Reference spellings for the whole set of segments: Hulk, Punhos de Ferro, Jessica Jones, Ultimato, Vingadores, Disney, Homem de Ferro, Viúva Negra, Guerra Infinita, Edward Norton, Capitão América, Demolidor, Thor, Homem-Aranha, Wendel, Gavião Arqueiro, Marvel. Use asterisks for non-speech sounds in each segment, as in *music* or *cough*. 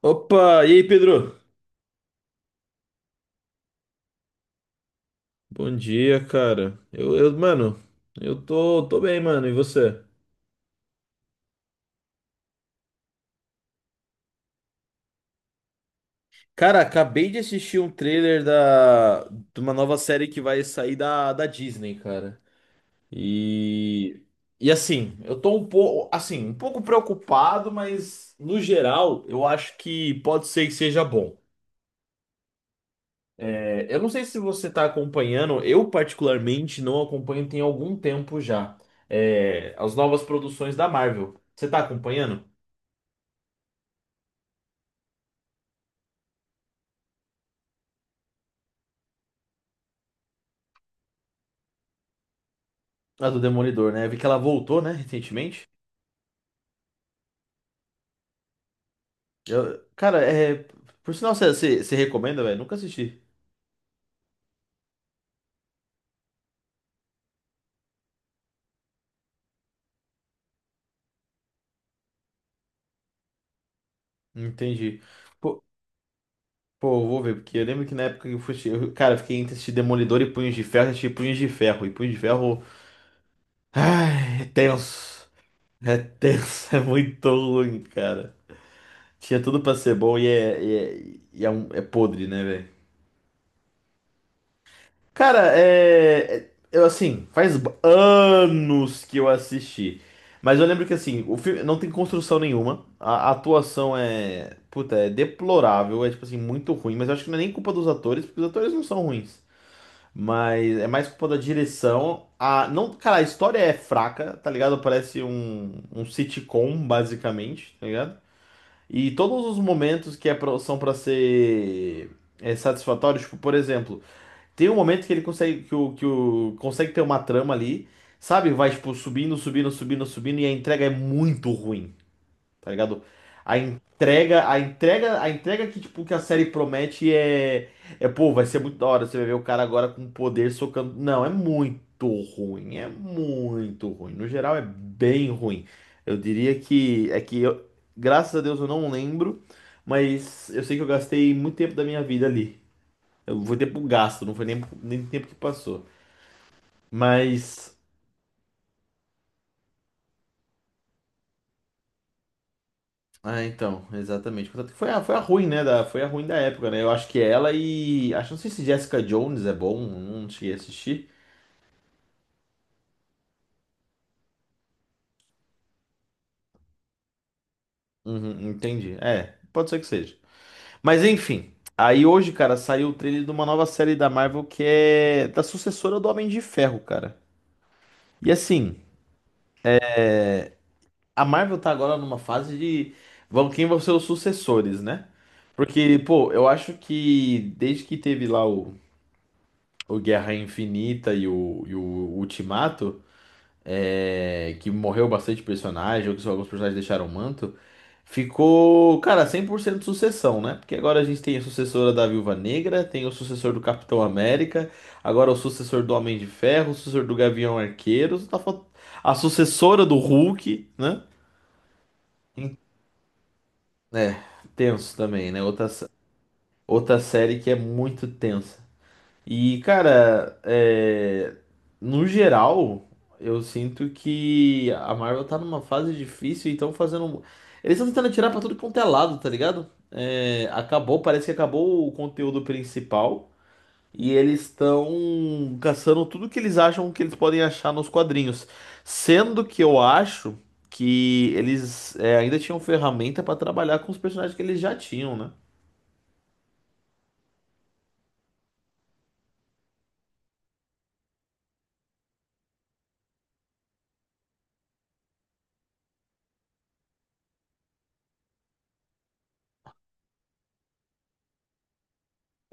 Opa, e aí, Pedro? Bom dia, cara. Eu, mano, eu tô bem, mano. E você? Cara, acabei de assistir um trailer de uma nova série que vai sair da Disney, cara. E, e assim, eu tô um pouco, assim, um pouco preocupado, mas no geral, eu acho que pode ser que seja bom. É, eu não sei se você tá acompanhando, eu particularmente não acompanho tem algum tempo já. É, as novas produções da Marvel. Você tá acompanhando? A do Demolidor, né? Eu vi que ela voltou, né, recentemente. Cara, é. Por sinal, você recomenda, velho? Nunca assisti. Entendi. Pô, Pô, eu vou ver, porque eu lembro que na época que eu fui. Cara, eu fiquei entre assistir Demolidor e Punhos de Ferro, eu assisti Punhos de Ferro. E Punhos de Ferro. Ai, é tenso. É tenso, *laughs* é muito ruim, cara. Tinha tudo pra ser bom e é, um, é podre, né, velho? Cara, é. Eu, assim, faz anos que eu assisti. Mas eu lembro que, assim, o filme não tem construção nenhuma. A atuação é. Puta, é deplorável. É, tipo assim, muito ruim. Mas eu acho que não é nem culpa dos atores, porque os atores não são ruins. Mas é mais culpa da direção. A... Não... Cara, a história é fraca, tá ligado? Parece um sitcom, basicamente, tá ligado? E todos os momentos que são pra ser satisfatórios, tipo, por exemplo. Tem um momento que ele consegue que o consegue ter uma trama ali, sabe? Vai tipo subindo, subindo, subindo, subindo e a entrega é muito ruim, tá ligado? A entrega que tipo que a série promete é pô, vai ser muito da hora, você vai ver o cara agora com poder socando. Não, é muito ruim, é muito ruim. No geral é bem ruim. Eu diria que graças a Deus eu não lembro, mas eu sei que eu gastei muito tempo da minha vida ali. Eu vou ter pro gasto, não foi nem tempo que passou. Mas. Ah, então, exatamente. Portanto, foi a ruim, né? Foi a ruim da época, né? Eu acho que ela e. Acho, não sei se Jessica Jones é bom, não cheguei a assistir. Uhum, entendi. É, pode ser que seja. Mas enfim. Aí hoje, cara, saiu o trailer de uma nova série da Marvel que é da sucessora do Homem de Ferro, cara. E assim, a Marvel tá agora numa fase de. Vão, quem vão ser os sucessores, né? Porque, pô, eu acho que desde que teve lá o Guerra Infinita e o Ultimato, que morreu bastante personagem, ou que só alguns personagens deixaram o manto, ficou, cara, 100% sucessão, né? Porque agora a gente tem a sucessora da Viúva Negra, tem o sucessor do Capitão América, agora o sucessor do Homem de Ferro, o sucessor do Gavião Arqueiro, só tá a sucessora do Hulk, né? É, tenso também, né? Outra, outra série que é muito tensa. E, cara, é, no geral, eu sinto que a Marvel tá numa fase difícil e estão fazendo. Eles estão tentando tirar pra tudo quanto é lado, tá ligado? É, acabou, parece que acabou o conteúdo principal. E eles estão caçando tudo que eles acham que eles podem achar nos quadrinhos. Sendo que eu acho que eles ainda tinham ferramenta pra trabalhar com os personagens que eles já tinham, né?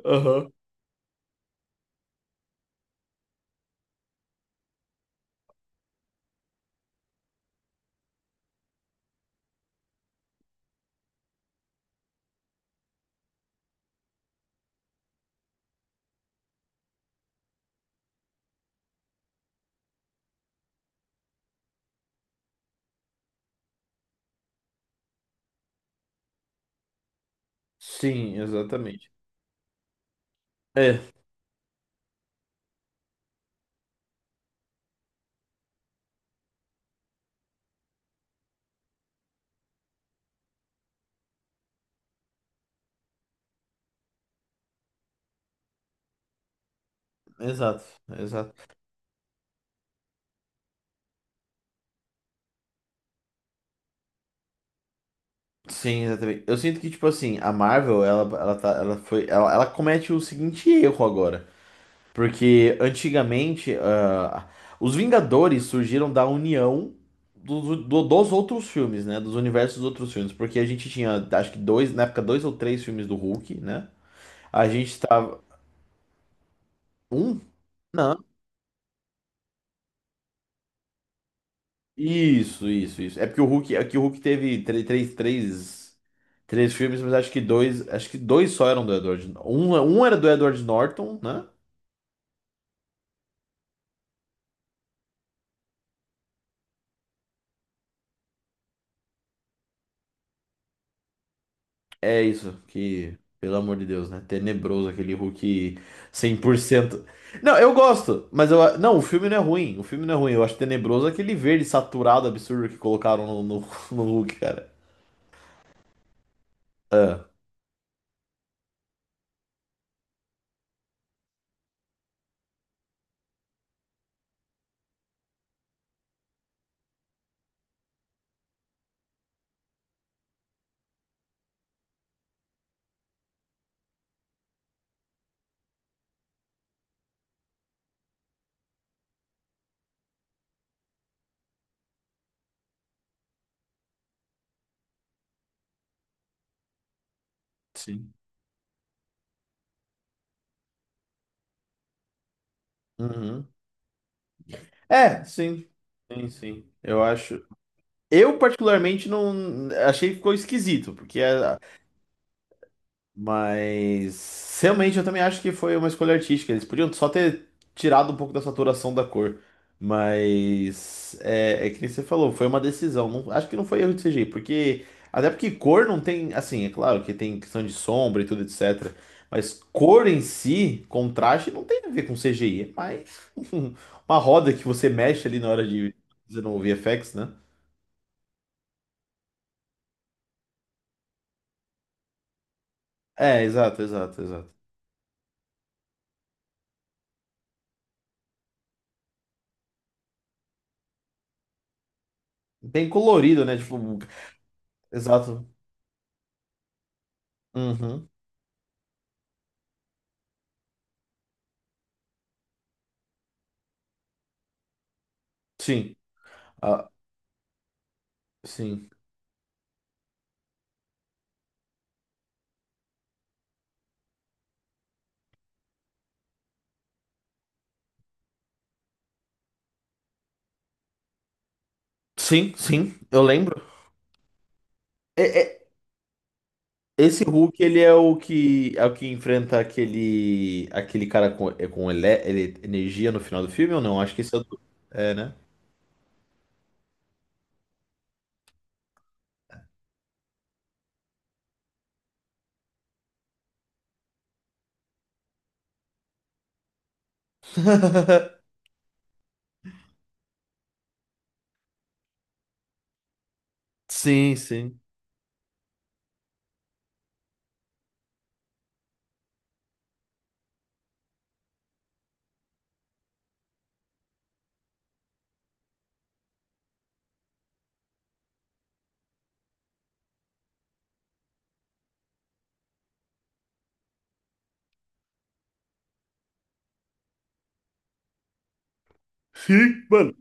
Aham. Sim, exatamente. É, exato, exato. Sim, exatamente. Eu sinto que, tipo assim, a Marvel, ela tá, ela comete o seguinte erro agora. Porque antigamente, ah, os Vingadores surgiram da união dos outros filmes, né? Dos universos dos outros filmes. Porque a gente tinha, acho que dois, na época, dois ou três filmes do Hulk, né? A gente tava. Um? Não. Isso, isso, isso. É porque o Hulk, é que o Hulk teve três, três, três filmes, mas acho que dois só eram do Edward. Um era do Edward Norton, né? É isso, que, pelo amor de Deus, né? Tenebroso aquele Hulk 100%. Não, eu gosto, mas eu. Não, o filme não é ruim. O filme não é ruim. Eu acho tenebroso aquele verde saturado absurdo que colocaram no, *laughs* no Hulk, cara. Ah. Sim. Uhum. É, sim. Sim, sim. Eu acho. Eu, particularmente, não. Achei que ficou esquisito, porque é, mas realmente eu também acho que foi uma escolha artística. Eles podiam só ter tirado um pouco da saturação da cor. Mas é, é que nem você falou, foi uma decisão. Acho que não foi erro de CGI, porque. Até porque cor não tem. Assim, é claro que tem questão de sombra e tudo, etc. Mas cor em si, contraste, não tem a ver com CGI. É mais *laughs* uma roda que você mexe ali na hora de fazer no VFX, né? É, exato, exato, exato. Bem colorido, né? Tipo, exato. Uhum, sim. Ah, sim. Sim, sim, eu lembro. É- é- Esse Hulk, ele é o que enfrenta aquele cara com, é com ele, energia no final do filme ou não? Acho que esse é o do... É, né? *laughs* Sim, sim. Sim, mano.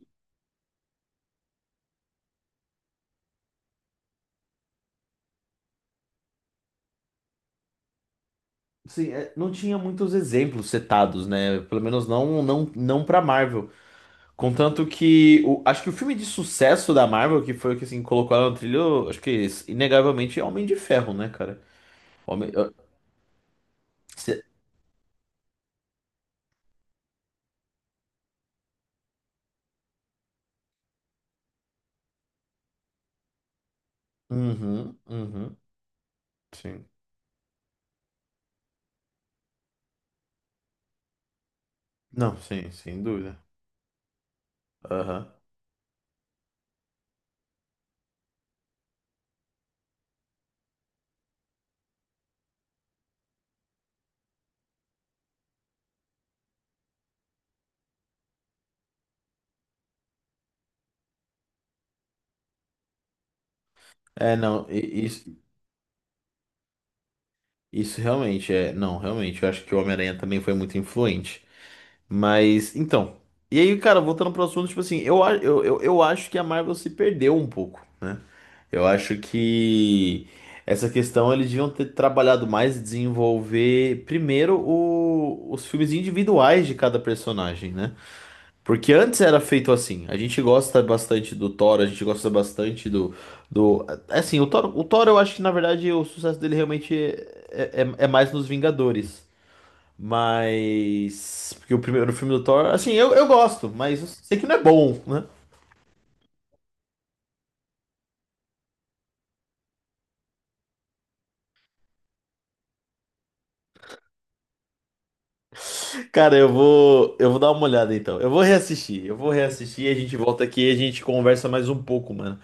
Sim, é, não tinha muitos exemplos setados, né? Pelo menos não para Marvel. Contanto que acho que o filme de sucesso da Marvel, que foi o que assim colocou ela no trilho, acho que inegavelmente é Homem de Ferro, né, cara? Homem, uhum, uhum, sim. Não, sim, sem dúvida. Aham. É, não, isso, isso realmente é. Não, realmente, eu acho que o Homem-Aranha também foi muito influente. Mas, então. E aí, cara, voltando pro assunto, tipo assim, eu acho que a Marvel se perdeu um pouco, né? Eu acho que essa questão eles deviam ter trabalhado mais e desenvolver primeiro os filmes individuais de cada personagem, né? Porque antes era feito assim. A gente gosta bastante do Thor, a gente gosta bastante do... é. Assim, o Thor, eu acho que na verdade o sucesso dele realmente é mais nos Vingadores. Mas. Porque o primeiro filme do Thor, assim, eu gosto, mas eu sei que não é bom, né? Cara, eu vou dar uma olhada então. Eu vou reassistir, a gente volta aqui e a gente conversa mais um pouco, mano.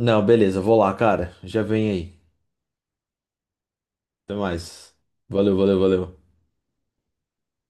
Não, beleza, vou lá, cara. Já vem aí. Até mais. Valeu, valeu, valeu.